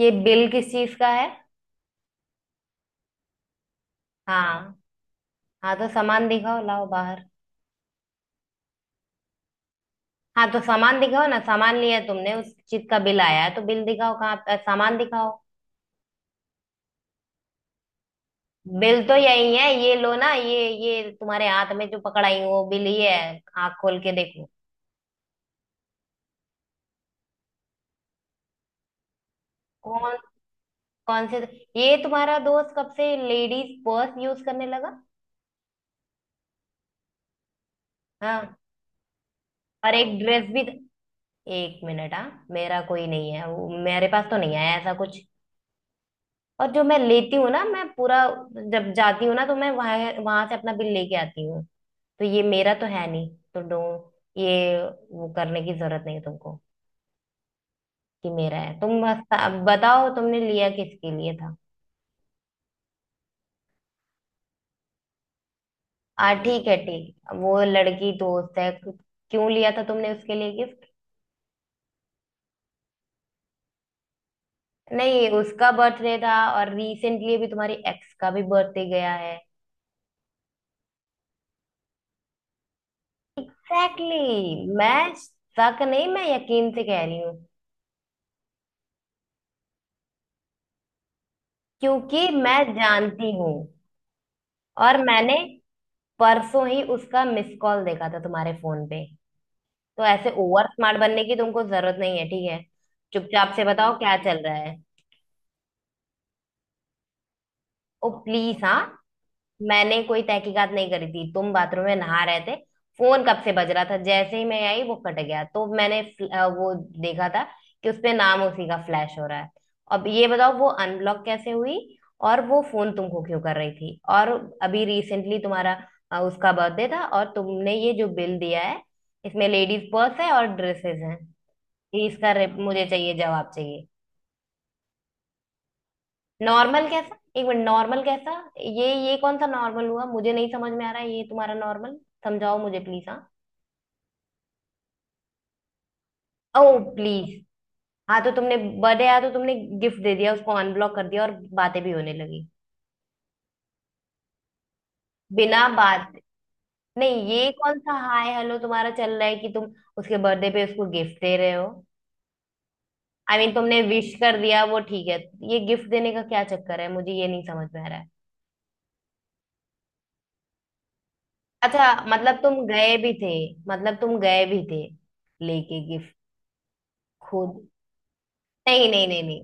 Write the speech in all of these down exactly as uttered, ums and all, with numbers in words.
ये बिल किस चीज का है। हाँ। हाँ, तो सामान दिखाओ, लाओ बाहर। हाँ, तो सामान दिखाओ ना। सामान लिया तुमने, उस चीज का बिल आया है, तो बिल दिखाओ कहाँ। अ, सामान दिखाओ। बिल तो यही है, ये लो ना। ये ये तुम्हारे हाथ में जो पकड़ाई हूँ वो बिल ये है, आँख खोल के देखो। कौन कौन से? ये तुम्हारा दोस्त कब से लेडीज पर्स यूज करने लगा? हाँ। और एक ड्रेस भी। एक मिनट हाँ, मेरा कोई नहीं है, वो मेरे पास तो नहीं आया ऐसा कुछ। और जो मैं लेती हूँ ना, मैं पूरा, जब जाती हूँ ना, तो मैं वहां वहां से अपना बिल लेके आती हूँ। तो ये मेरा तो है नहीं, तो डो ये, वो करने की जरूरत नहीं तुमको, कि मेरा है। तुम बस अब बताओ तुमने लिया किसके लिए था। आ, ठीक है, ठीक। वो लड़की दोस्त है? क्यों लिया था तुमने उसके लिए गिफ्ट? नहीं, उसका बर्थडे था और रिसेंटली अभी तुम्हारी एक्स का भी बर्थडे गया है। Exactly exactly. मैं शक नहीं, मैं यकीन से कह रही हूँ, क्योंकि मैं जानती हूँ। और मैंने परसों ही उसका मिस कॉल देखा था तुम्हारे फोन पे। तो ऐसे ओवर स्मार्ट बनने की तुमको जरूरत नहीं है, ठीक है? चुपचाप से बताओ क्या चल रहा है। ओ प्लीज हाँ। मैंने कोई तहकीकात नहीं करी थी, तुम बाथरूम में नहा रहे थे, फोन कब से बज रहा था, जैसे ही मैं आई वो कट गया, तो मैंने फ्ल- अ, वो देखा था कि उसपे नाम उसी का फ्लैश हो रहा है। अब ये बताओ वो अनब्लॉक कैसे हुई, और वो फोन तुमको क्यों कर रही थी, और अभी रिसेंटली तुम्हारा, अ, उसका बर्थडे था, और तुमने ये जो बिल दिया है इसमें लेडीज पर्स है और ड्रेसेस हैं। इसका रे- मुझे चाहिए, जवाब चाहिए। नॉर्मल कैसा? एक मिनट, नॉर्मल कैसा? ये ये कौन सा नॉर्मल हुआ, मुझे नहीं समझ में आ रहा है ये तुम्हारा नॉर्मल। समझाओ मुझे प्लीज हाँ। ओ प्लीज। हाँ, तो तुमने, बर्थडे आया तो तुमने गिफ्ट दे दिया, उसको अनब्लॉक कर दिया, और बातें भी होने लगी, बिना बात। नहीं, ये कौन सा हाय हेलो तुम्हारा चल रहा है कि तुम उसके बर्थडे पे उसको गिफ्ट दे रहे हो? आई I मीन mean, तुमने विश कर दिया वो ठीक है, ये गिफ्ट देने का क्या चक्कर है, मुझे ये नहीं समझ में आ रहा है। अच्छा, मतलब तुम गए भी थे? मतलब तुम गए भी थे लेके गिफ्ट, खुद? नहीं नहीं नहीं नहीं,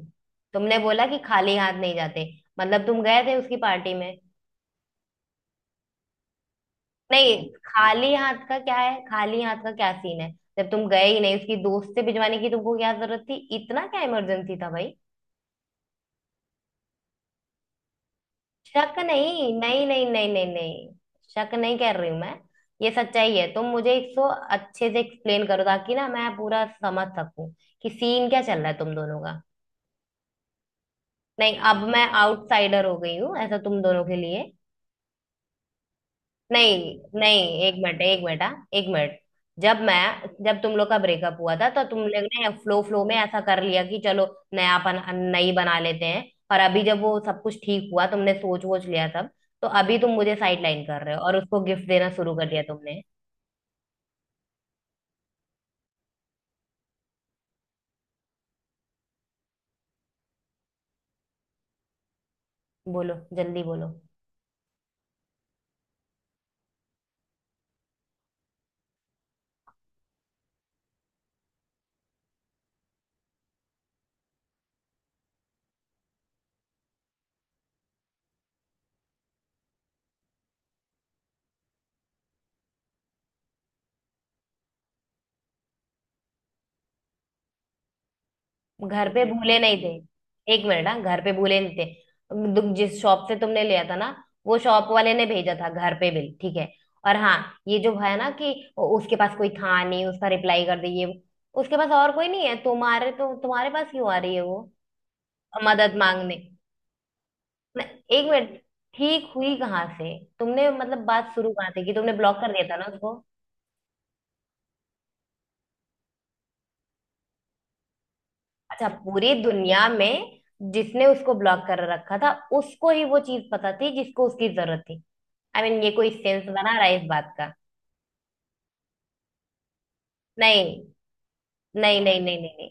तुमने बोला कि खाली हाथ नहीं जाते, मतलब तुम गए थे उसकी पार्टी में। नहीं, खाली हाथ का क्या है, खाली हाथ का क्या सीन है? जब तुम गए ही नहीं, उसकी दोस्त से भिजवाने की तुमको क्या जरूरत थी, इतना क्या इमरजेंसी था भाई? शक नहीं नहीं नहीं नहीं नहीं नहीं, शक नहीं कर रही हूं मैं, ये सच्चाई है। तुम मुझे इसको अच्छे से एक्सप्लेन करो, ताकि ना मैं पूरा समझ सकूं कि सीन क्या चल रहा है तुम दोनों का। नहीं, अब मैं आउटसाइडर हो गई हूँ ऐसा तुम दोनों के लिए। नहीं नहीं, एक मिनट, एक मिनट हाँ, एक मिनट। जब मैं, जब तुम लोग का ब्रेकअप हुआ था तो तुम लोग ने फ्लो फ्लो में ऐसा कर लिया कि चलो नयापन, नई बना लेते हैं, और अभी जब वो सब कुछ ठीक हुआ तुमने सोच वोच लिया सब, तो अभी तुम मुझे साइड लाइन कर रहे हो और उसको गिफ्ट देना शुरू कर दिया तुमने। बोलो, जल्दी बोलो। घर पे भूले नहीं थे, एक मिनट हाँ, घर पे भूले नहीं थे। दु- जिस शॉप से तुमने लिया था ना, वो शॉप वाले ने भेजा था घर पे बिल, ठीक है। और हाँ, ये जो है ना कि उसके पास कोई था नहीं उसका रिप्लाई कर दिए, उसके पास और कोई नहीं है तुम्हारे, तो तुम्हारे पास क्यों आ रही है वो मदद मांगने? मैं- एक मिनट, ठीक हुई कहाँ से? तुमने मतलब बात शुरू कहाँ से? कि तुमने ब्लॉक कर दिया था ना उसको। अच्छा, पूरी दुनिया में जिसने उसको ब्लॉक कर रखा था उसको ही वो चीज पता थी जिसको उसकी जरूरत थी? आई I मीन mean, ये कोई सेंस बना रहा है इस बात का? नहीं नहीं नहीं नहीं नहीं नहीं,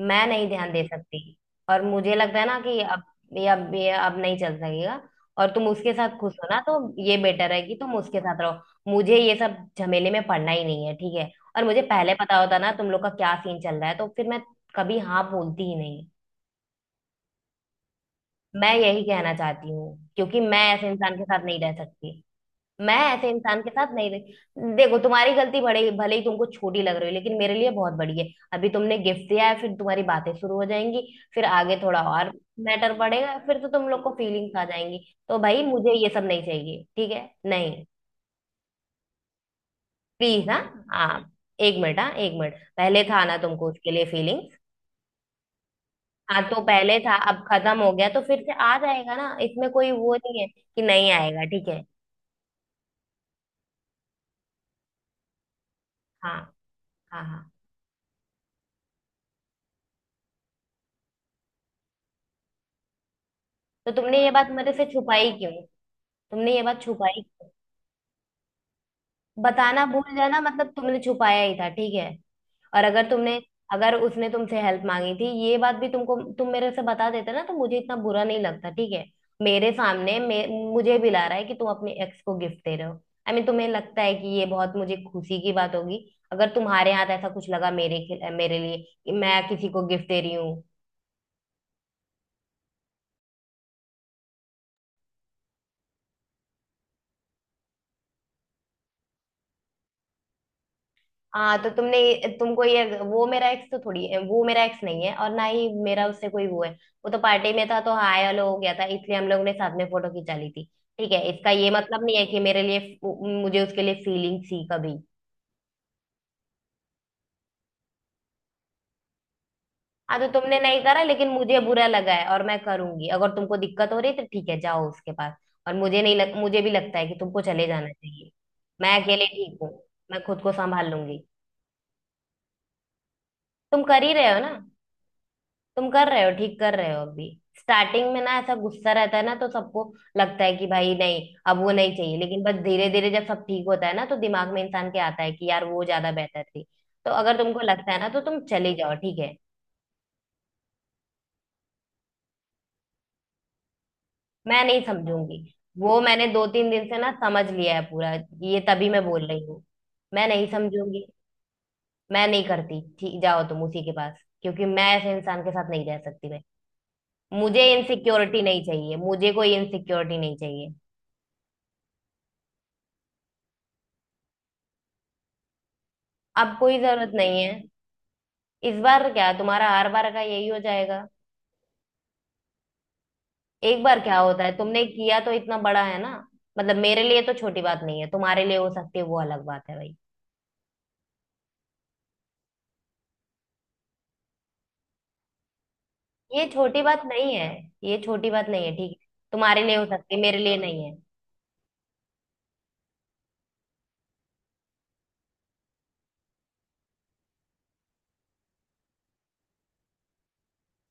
मैं नहीं ध्यान दे सकती। और मुझे लगता है ना कि अब ये, अब ये अब नहीं चल सकेगा, और तुम उसके साथ खुश हो ना, तो ये बेटर है कि तुम उसके साथ रहो, मुझे ये सब झमेले में पड़ना ही नहीं है ठीक है। और मुझे पहले पता होता ना तुम लोग का क्या सीन चल रहा है तो फिर मैं कभी हाँ बोलती ही नहीं। मैं यही कहना चाहती हूँ, क्योंकि मैं ऐसे इंसान के साथ नहीं रह सकती। मैं ऐसे इंसान के साथ नहीं रह, देखो तुम्हारी गलती भले भले ही तुमको छोटी लग रही हो, लेकिन मेरे लिए बहुत बड़ी है। अभी तुमने गिफ्ट दिया है, फिर तुम्हारी बातें शुरू हो जाएंगी, फिर आगे थोड़ा और मैटर बढ़ेगा, फिर तो तुम लोग को फीलिंग्स आ जाएंगी। तो भाई मुझे ये सब नहीं चाहिए, ठीक है? नहीं, प्लीज हाँ। हाँ, एक मिनट हाँ, एक मिनट, पहले था ना तुमको उसके लिए फीलिंग्स। हाँ तो पहले था, अब खत्म हो गया, तो फिर से आ जाएगा ना, इसमें कोई वो नहीं है कि नहीं आएगा, ठीक है। हाँ, हाँ। हाँ, तो तुमने ये बात मेरे से छुपाई क्यों? तुमने ये बात छुपाई क्यों? बताना भूल जाना, मतलब तुमने छुपाया ही था, ठीक है। और अगर तुमने, अगर उसने तुमसे हेल्प मांगी थी ये बात भी तुमको, तुम मेरे से बता देते ना, तो मुझे इतना बुरा नहीं लगता, ठीक है। मेरे सामने मे, मुझे भी ला रहा है कि तुम अपने एक्स को गिफ्ट दे रहे हो, आई मीन तुम्हें लगता है कि ये बहुत मुझे खुशी की बात होगी, अगर तुम्हारे हाथ ऐसा कुछ लगा मेरे खिल- मेरे लिए, कि मैं किसी को गिफ्ट दे रही हूँ? हाँ, तो तुमने, तुमको ये, वो मेरा एक्स तो थोड़ी है, वो मेरा एक्स नहीं है और ना ही मेरा उससे कोई वो है, वो तो पार्टी में था तो हाय हेलो हो गया था, इसलिए हम लोगों ने साथ में फोटो खिंचा ली थी। ठीक है, इसका ये मतलब नहीं है कि मेरे लिए, मुझे उसके लिए फीलिंग थी कभी। हाँ, तो तुमने नहीं करा, लेकिन मुझे बुरा लगा है और मैं करूंगी। अगर तुमको दिक्कत हो रही है, तो ठीक है जाओ उसके पास। और मुझे नहीं लग, मुझे भी लगता है कि तुमको चले जाना चाहिए। मैं अकेले ठीक हूँ, मैं खुद को संभाल लूंगी। तुम कर ही रहे हो ना, तुम कर रहे हो, ठीक कर रहे हो अभी। स्टार्टिंग में ना ऐसा गुस्सा रहता है ना, तो सबको लगता है कि भाई नहीं अब वो नहीं चाहिए, लेकिन बस धीरे धीरे जब सब ठीक होता है ना, तो दिमाग में इंसान के आता है कि यार वो ज्यादा बेहतर थी। तो अगर तुमको लगता है ना तो तुम चली जाओ, ठीक है। मैं नहीं समझूंगी, वो मैंने दो तीन दिन से ना समझ लिया है पूरा, ये तभी मैं बोल रही हूँ। मैं नहीं समझूंगी। मैं नहीं करती, ठीक जाओ तुम उसी के पास, क्योंकि मैं ऐसे इंसान के साथ नहीं रह सकती भाई। मुझे इनसिक्योरिटी नहीं चाहिए, मुझे कोई इनसिक्योरिटी नहीं चाहिए, अब कोई जरूरत नहीं है। इस बार क्या, तुम्हारा हर बार का यही हो जाएगा? एक बार क्या होता है, तुमने किया तो इतना बड़ा है ना। मतलब मेरे लिए तो छोटी बात नहीं है, तुम्हारे लिए हो सकती है, वो अलग बात है भाई। ये छोटी बात नहीं है, ये छोटी बात नहीं है ठीक है, तुम्हारे लिए हो सकती है, मेरे लिए नहीं है।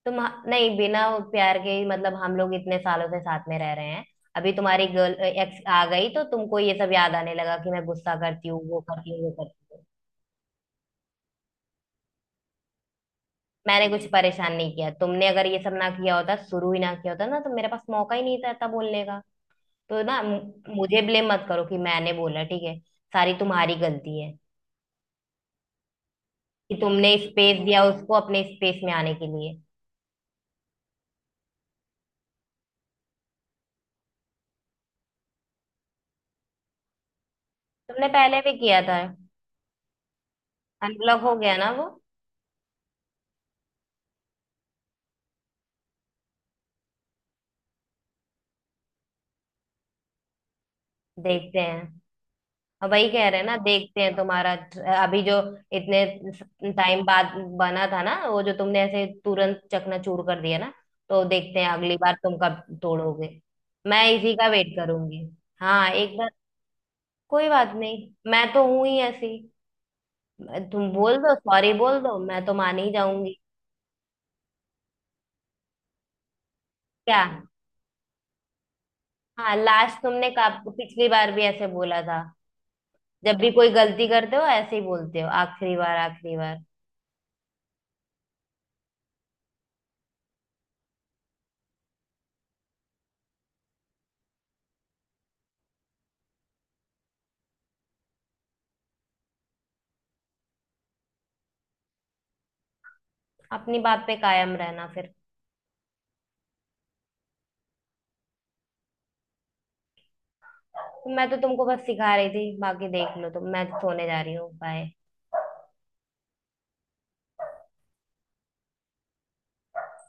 तुम, नहीं, बिना प्यार के ही, मतलब हम लोग इतने सालों से साथ में रह रहे हैं, अभी तुम्हारी गर्ल एक्स आ गई तो तुमको ये सब याद आने लगा कि मैं गुस्सा करती हूँ, वो करती हूँ, वो करती हूँ। मैंने कुछ परेशान नहीं किया, तुमने अगर ये सब ना किया होता, शुरू ही ना किया होता ना, तो मेरे पास मौका ही नहीं था था बोलने का। तो ना मु- मुझे ब्लेम मत करो कि मैंने बोला, ठीक है? सारी तुम्हारी गलती है कि तुमने स्पेस दिया उसको, अपने स्पेस में आने के लिए। तुमने पहले भी किया था, अनब्लॉक हो गया ना वो। देखते हैं, अब वही कह रहे हैं ना देखते हैं। तुम्हारा ट- अभी जो इतने टाइम बाद बना था ना, वो जो तुमने ऐसे तुरंत चकनाचूर कर दिया ना, तो देखते हैं अगली बार तुम कब तोड़ोगे। मैं इसी का वेट करूंगी। हाँ, एक बार, कोई बात नहीं मैं तो हूं ही ऐसी। तुम बोल दो सॉरी बोल दो, मैं तो मान ही जाऊंगी। क्या? हाँ लास्ट, तुमने का पिछली बार भी ऐसे बोला था। जब भी कोई गलती करते हो ऐसे ही बोलते हो, आखिरी बार, आखिरी बार। अपनी बात पे कायम रहना फिर। मैं तो तुमको बस सिखा रही थी, बाकी देख लो तुम, मैं तो सोने जा रही हूँ, बाय।